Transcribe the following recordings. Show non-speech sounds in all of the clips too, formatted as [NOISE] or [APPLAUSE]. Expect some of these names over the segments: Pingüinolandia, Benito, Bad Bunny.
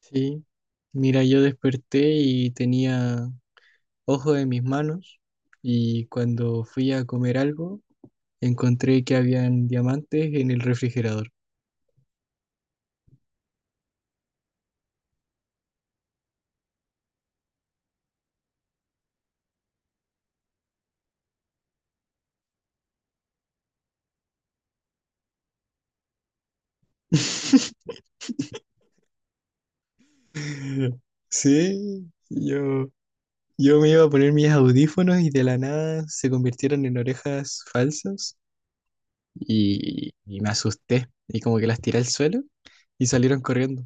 Sí, mira, yo desperté y tenía ojo en mis manos y cuando fui a comer algo, encontré que habían diamantes en el refrigerador. [LAUGHS] Sí, yo me iba a poner mis audífonos y de la nada se convirtieron en orejas falsas y me asusté y como que las tiré al suelo y salieron corriendo.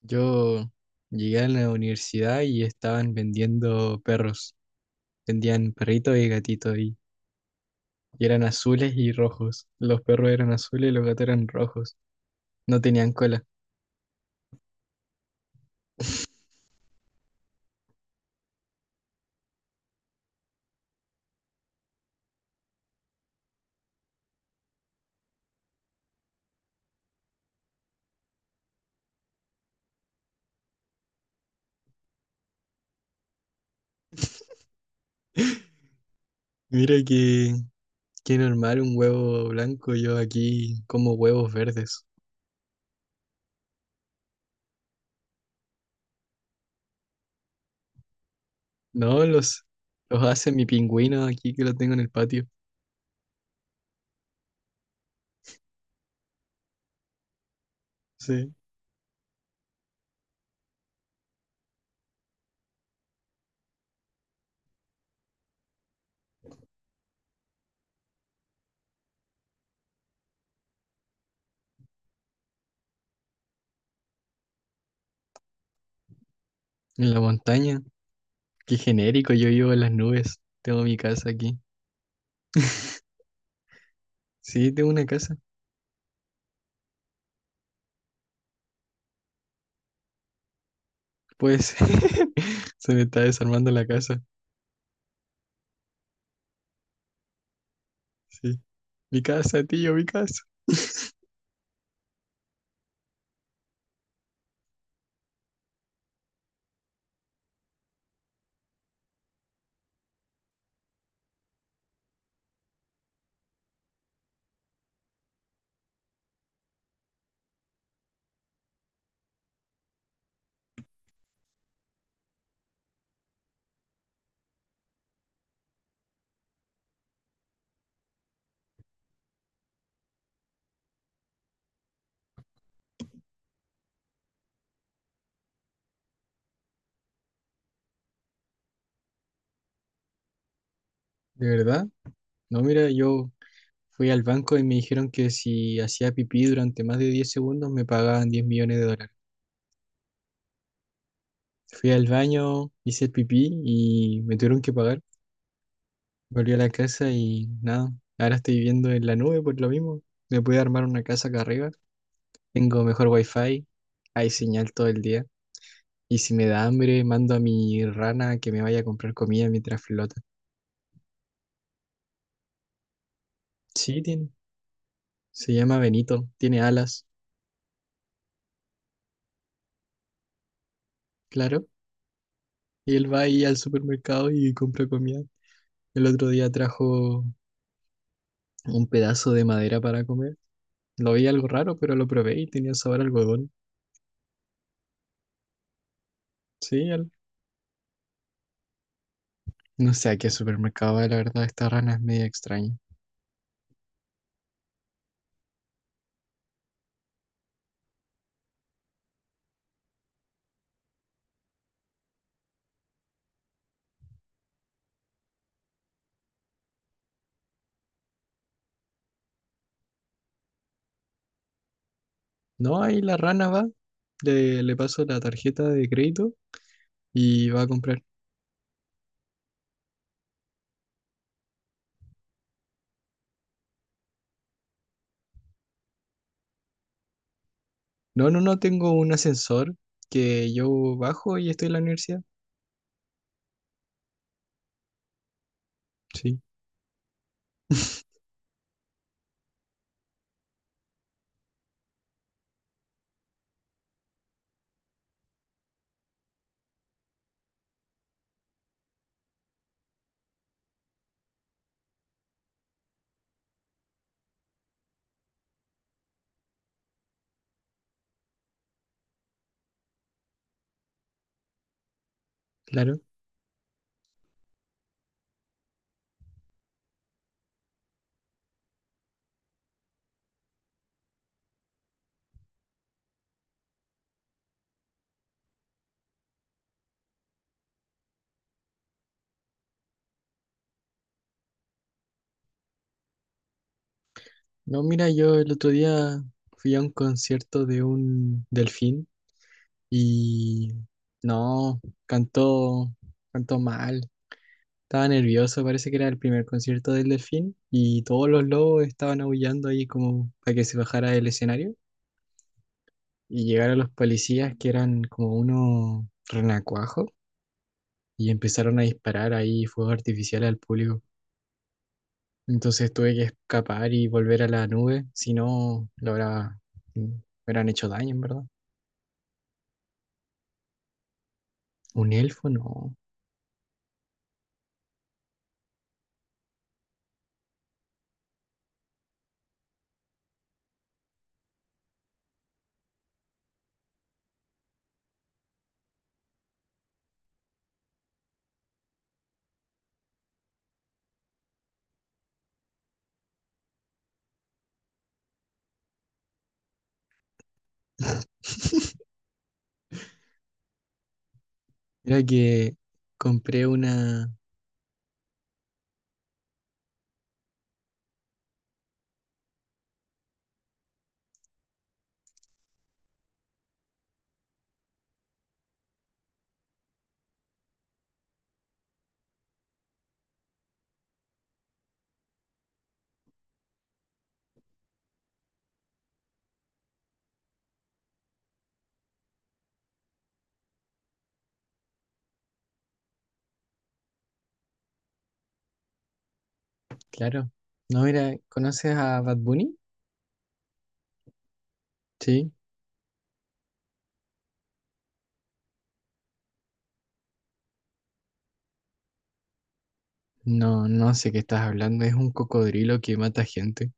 Yo llegué a la universidad y estaban vendiendo perros. Vendían perritos y gatitos y eran azules y rojos. Los perros eran azules y los gatos eran rojos. No tenían cola. [LAUGHS] Mira que, qué normal un huevo blanco. Yo aquí como huevos verdes. No, los hace mi pingüino aquí que lo tengo en el patio. Sí. En la montaña. Qué genérico, yo vivo en las nubes. Tengo mi casa aquí. Sí, tengo una casa. Pues [LAUGHS] se me está desarmando la casa. Sí. Mi casa, tío, mi casa. [LAUGHS] ¿De verdad? No, mira, yo fui al banco y me dijeron que si hacía pipí durante más de 10 segundos me pagaban 10 millones de dólares. Fui al baño, hice el pipí y me tuvieron que pagar. Volví a la casa y nada, ahora estoy viviendo en la nube por lo mismo. Me pude armar una casa acá arriba. Tengo mejor wifi, hay señal todo el día. Y si me da hambre, mando a mi rana que me vaya a comprar comida mientras flota. Sí, tiene. Se llama Benito, tiene alas, claro. Y él va ahí al supermercado y compra comida. El otro día trajo un pedazo de madera para comer. Lo vi algo raro, pero lo probé y tenía sabor a algodón. Sí, al- no sé a qué supermercado va, la verdad, esta rana es media extraña. No, ahí la rana va, le paso la tarjeta de crédito y va a comprar. No, no, no, tengo un ascensor que yo bajo y estoy en la universidad. Sí, [LAUGHS] claro. No, mira, yo el otro día fui a un concierto de un delfín y no, cantó, cantó mal. Estaba nervioso, parece que era el primer concierto del delfín y todos los lobos estaban aullando ahí como para que se bajara del escenario y llegaron los policías que eran como unos renacuajos y empezaron a disparar ahí fuegos artificiales al público. Entonces tuve que escapar y volver a la nube, si no, me hubieran hecho daño, en verdad. Un elfo, no. Mira que compré una. Claro. No, mira, ¿conoces a Bad Bunny? Sí. No, no sé qué estás hablando. Es un cocodrilo que mata gente.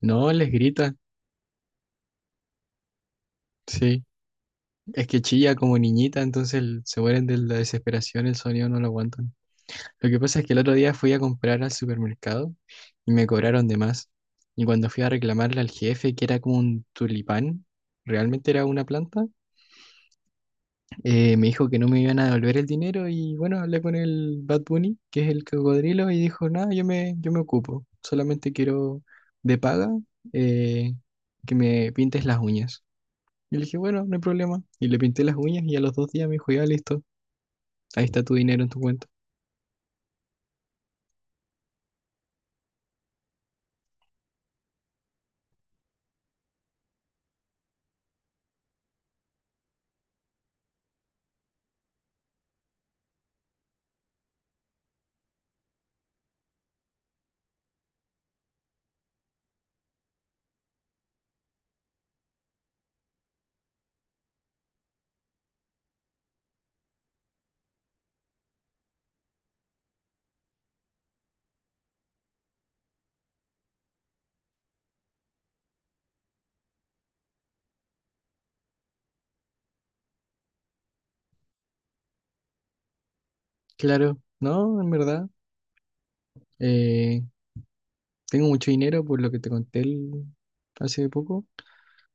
No, les grita. Sí. Es que chilla como niñita, entonces se mueren de la desesperación, el sonido no lo aguantan. Lo que pasa es que el otro día fui a comprar al supermercado y me cobraron de más. Y cuando fui a reclamarle al jefe, que era como un tulipán, realmente era una planta. Me dijo que no me iban a devolver el dinero y bueno, hablé con el Bad Bunny, que es el cocodrilo, y dijo, nada, yo me ocupo, solamente quiero de paga, eh, que me pintes las uñas. Y le dije, bueno, no hay problema. Y le pinté las uñas y a los 2 días me dijo, ya listo, ahí está tu dinero en tu cuenta. Claro, no, en verdad, eh, tengo mucho dinero por lo que te conté hace poco.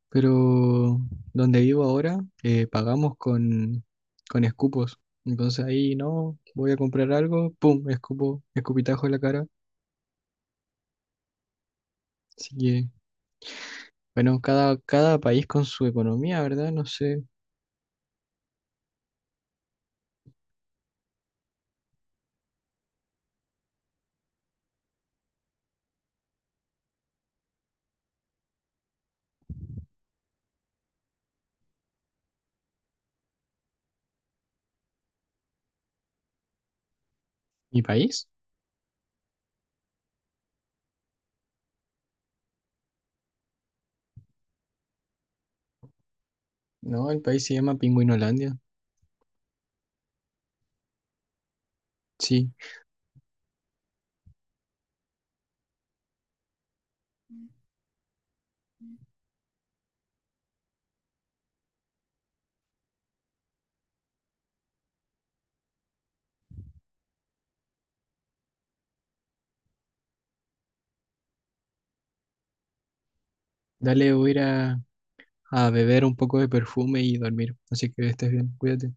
Pero donde vivo ahora, pagamos con escupos. Entonces ahí no, voy a comprar algo, pum, escupo, escupitajo en la cara. Así que, bueno, cada país con su economía, ¿verdad? No sé. ¿Mi país? No, el país se llama Pingüinolandia. Sí, dale, voy a ir a beber un poco de perfume y dormir. Así que estés bien, cuídate.